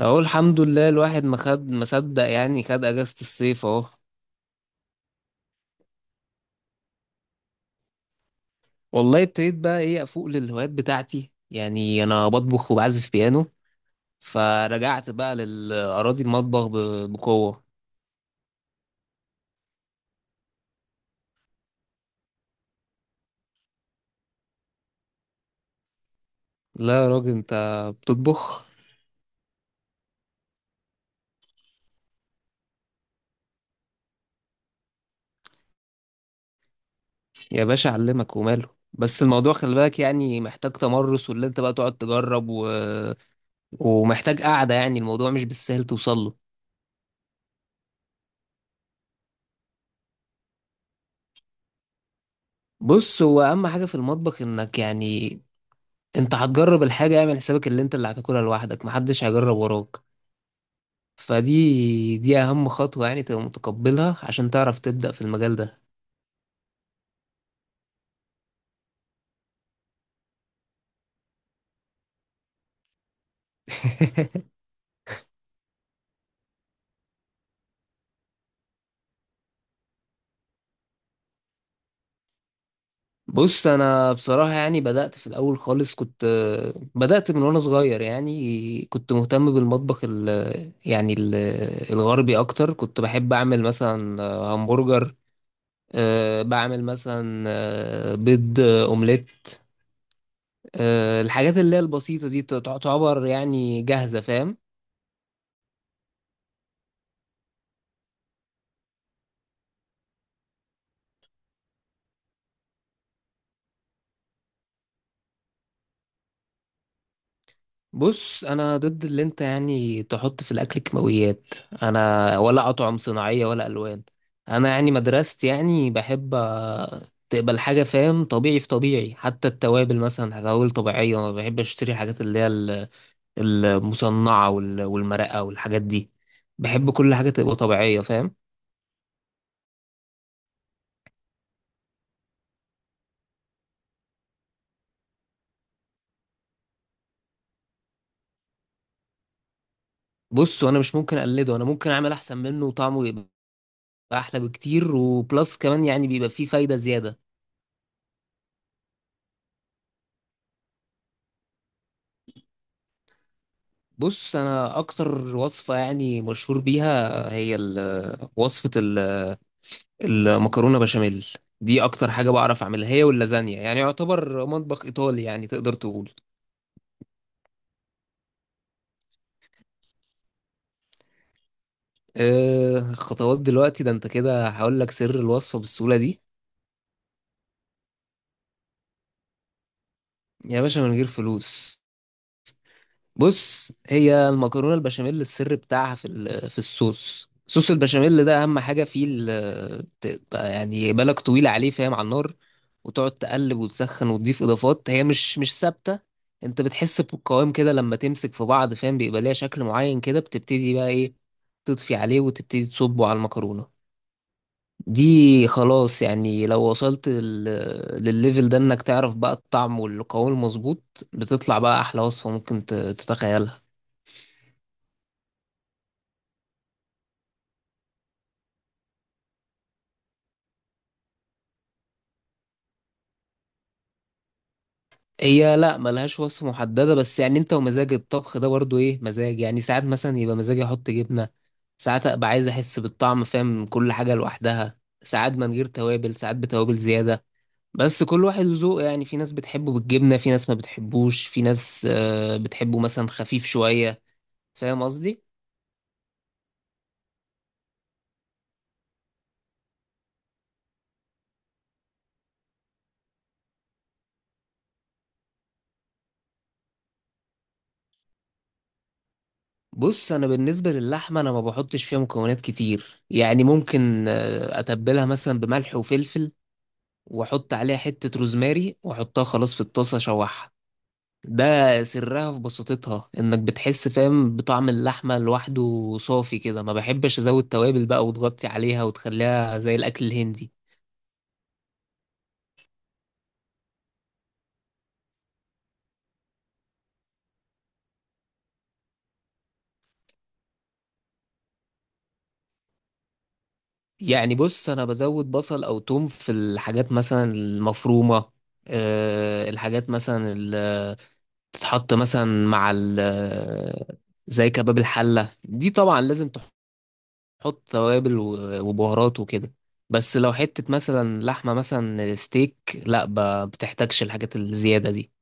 اقول الحمد لله الواحد ما خد ما صدق، يعني خد اجازة الصيف اهو. والله ابتديت بقى ايه، افوق للهوايات بتاعتي، يعني انا بطبخ وبعزف بيانو. فرجعت بقى للاراضي المطبخ بقوة. لا يا راجل، انت بتطبخ. يا باشا اعلمك وماله، بس الموضوع خلي بالك، يعني محتاج تمرس، واللي انت بقى تقعد تجرب ومحتاج قعدة، يعني الموضوع مش بالسهل توصل له. بص، هو اهم حاجة في المطبخ انك يعني انت هتجرب الحاجة، اعمل حسابك اللي انت اللي هتاكلها لوحدك، محدش هيجرب وراك. فدي اهم خطوة، يعني تبقى متقبلها عشان تعرف تبدأ في المجال ده. بص، انا بصراحة يعني بدأت في الاول خالص، كنت بدأت من وانا صغير، يعني كنت مهتم بالمطبخ يعني الغربي اكتر. كنت بحب اعمل مثلا همبرجر. بعمل مثلا بيض، اومليت. الحاجات اللي هي البسيطة دي تعتبر يعني جاهزة، فاهم. بص انا ضد اللي انت يعني تحط في الاكل كيماويات. انا ولا اطعم صناعيه ولا الوان. انا يعني مدرستي يعني بحب تقبل حاجه، فاهم، طبيعي في طبيعي، حتى التوابل مثلا توابل طبيعيه. ما بحب اشتري حاجات اللي هي المصنعه والمرقه والحاجات دي. بحب كل حاجه تبقى طبيعيه، فاهم. بص وانا مش ممكن اقلده، انا ممكن اعمل احسن منه وطعمه يبقى احلى بكتير، وبلس كمان يعني بيبقى فيه فايده زياده. بص، انا اكتر وصفه يعني مشهور بيها هي وصفه المكرونه بشاميل. دي اكتر حاجه بعرف اعملها، هي واللازانيا، يعني يعتبر مطبخ ايطالي يعني تقدر تقول. خطوات دلوقتي؟ ده انت كده هقول لك سر الوصفه بالسهوله دي. يا باشا، من غير فلوس. بص، هي المكرونه البشاميل السر بتاعها في في صوص البشاميل، ده اهم حاجه فيه يعني بالك طويله عليه، فاهم، على النار، وتقعد تقلب وتسخن وتضيف اضافات هي مش ثابته. انت بتحس بالقوام كده لما تمسك في بعض، فاهم، بيبقى ليها شكل معين كده، بتبتدي بقى ايه، تطفي عليه وتبتدي تصبه على المكرونه. دي خلاص، يعني لو وصلت للليفل ده، انك تعرف بقى الطعم والقوام المظبوط، بتطلع بقى احلى وصفه ممكن تتخيلها. هي لا ملهاش وصفة محددة، بس يعني انت ومزاج الطبخ ده برضو، ايه مزاج، يعني ساعات مثلا يبقى مزاجي احط جبنة، ساعات ابقى عايز احس بالطعم، فاهم، كل حاجة لوحدها، ساعات من غير توابل، ساعات بتوابل زيادة. بس كل واحد وذوقه يعني، في ناس بتحبه بالجبنة، في ناس ما بتحبوش، في ناس بتحبه مثلا خفيف شوية. فاهم قصدي؟ بص انا بالنسبة للحمة، انا ما بحطش فيها مكونات كتير، يعني ممكن اتبلها مثلا بملح وفلفل، واحط عليها حتة روزماري، واحطها خلاص في الطاسة اشوحها. ده سرها في بساطتها، انك بتحس فاهم بطعم اللحمة لوحده صافي كده، ما بحبش ازود توابل بقى وتغطي عليها وتخليها زي الاكل الهندي. يعني بص، انا بزود بصل او توم في الحاجات مثلا المفرومة. الحاجات مثلا اللي تتحط مثلا مع زي كباب الحلة، دي طبعا لازم تحط توابل وبهارات وكده. بس لو حتة مثلا لحمة مثلا ستيك، لا بتحتاجش الحاجات الزيادة دي.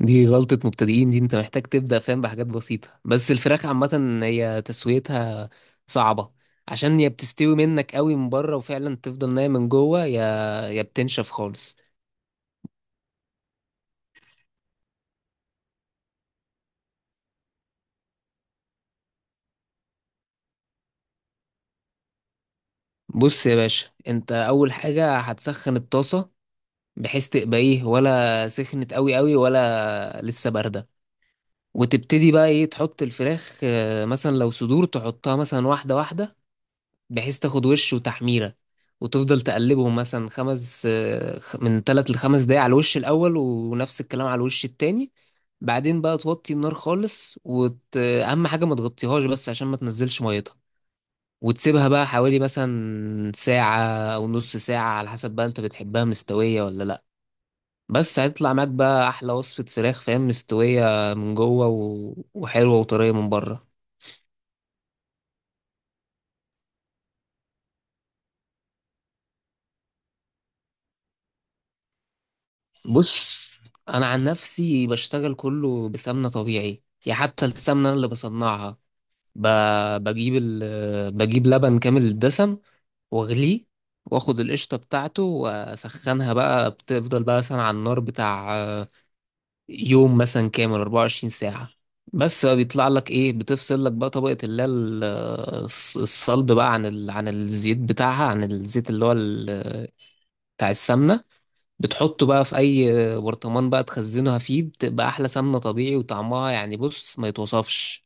دي غلطة مبتدئين دي، انت محتاج تبدأ فاهم بحاجات بسيطة، بس الفراخ عامة هي تسويتها صعبة، عشان يا بتستوي منك قوي من بره وفعلا تفضل نايم من جوه، يا بتنشف خالص. بص يا باشا، انت اول حاجة هتسخن الطاسة، بحيث تبقى ايه، ولا سخنت قوي قوي ولا لسه باردة، وتبتدي بقى ايه تحط الفراخ، مثلا لو صدور تحطها مثلا واحدة واحدة، بحيث تاخد وش وتحميرة، وتفضل تقلبهم مثلا من تلات لخمس دقايق على الوش الأول، ونفس الكلام على الوش التاني. بعدين بقى توطي النار خالص، أهم حاجة ما تغطيهاش بس عشان ما تنزلش ميتها، وتسيبها بقى حوالي مثلا ساعة أو نص ساعة، على حسب بقى أنت بتحبها مستوية ولا لأ. بس هيطلع معاك بقى أحلى وصفة فراخ، فاهم، مستوية من جوه وحلوة وطرية من بره. بص انا عن نفسي بشتغل كله بسمنه طبيعي، يعني حتى السمنه أنا اللي بصنعها. ب... بجيب لبن كامل الدسم، واغليه، واخد القشطه بتاعته واسخنها بقى، بتفضل بقى مثلا على النار بتاع يوم مثلا كامل 24 ساعه. بس بقى بيطلع لك ايه، بتفصل لك بقى طبقه اللي هي الصلب بقى عن عن الزيت بتاعها، عن الزيت اللي هو بتاع السمنه، بتحطه بقى في اي برطمان بقى تخزنها فيه، بتبقى احلى سمنة طبيعي وطعمها يعني بص ما يتوصفش.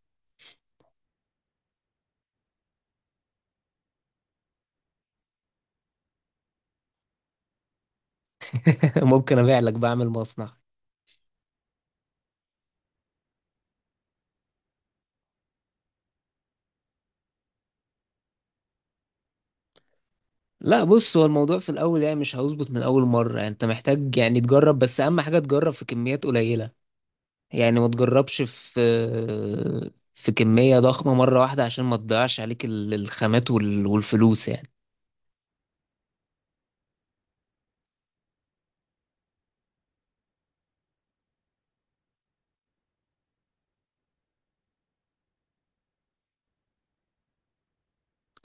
ممكن ابيع لك، بعمل مصنع. لا بص، هو الموضوع في الاول يعني مش هيظبط من اول مرة، يعني انت محتاج يعني تجرب، بس اهم حاجة تجرب في كميات قليلة، يعني ما تجربش في كمية ضخمة مرة واحدة، عشان ما تضيعش عليك الخامات والفلوس يعني.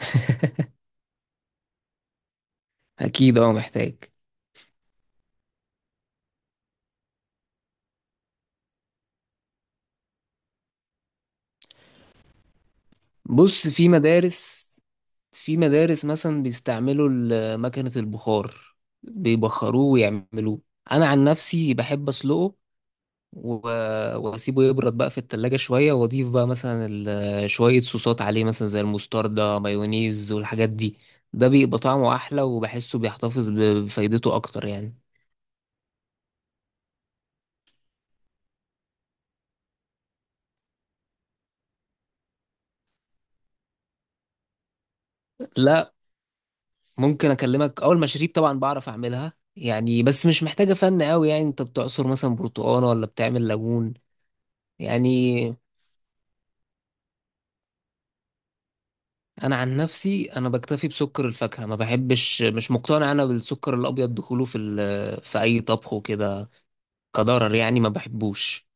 اكيد، اه محتاج. بص، في مدارس مثلا بيستعملوا مكنة البخار، بيبخروه ويعملوه. انا عن نفسي بحب اسلقه واسيبه يبرد بقى في التلاجة شوية، واضيف بقى مثلا شوية صوصات عليه، مثلا زي المستردة مايونيز والحاجات دي. ده بيبقى طعمه احلى، وبحسه بيحتفظ بفايدته اكتر يعني. لا، ممكن اكلمك. اول مشاريب طبعا بعرف اعملها، يعني بس مش محتاجة فن قوي، يعني انت بتعصر مثلا برتقانة ولا بتعمل ليمون. يعني انا عن نفسي، انا بكتفي بسكر الفاكهه، ما بحبش، مش مقتنع انا بالسكر الابيض دخوله في اي طبخ وكده، كضرر يعني ما بحبوش.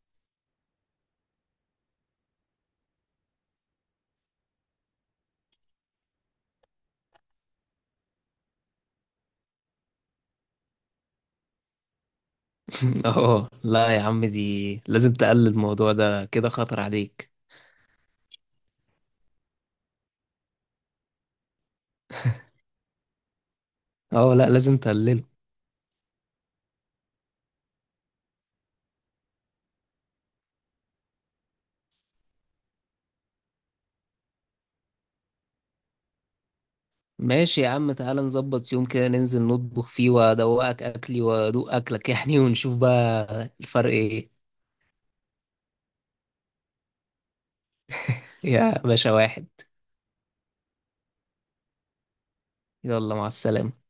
اه لا يا عم، دي لازم تقلل، الموضوع ده كده خطر عليك. اه لا، لازم تقلله. ماشي يا عم، تعالى نظبط يوم كده ننزل نطبخ فيه، وادوقك اكلي وادوق اكلك يعني، ونشوف بقى الفرق ايه. يا باشا، واحد. يلا مع السلامه.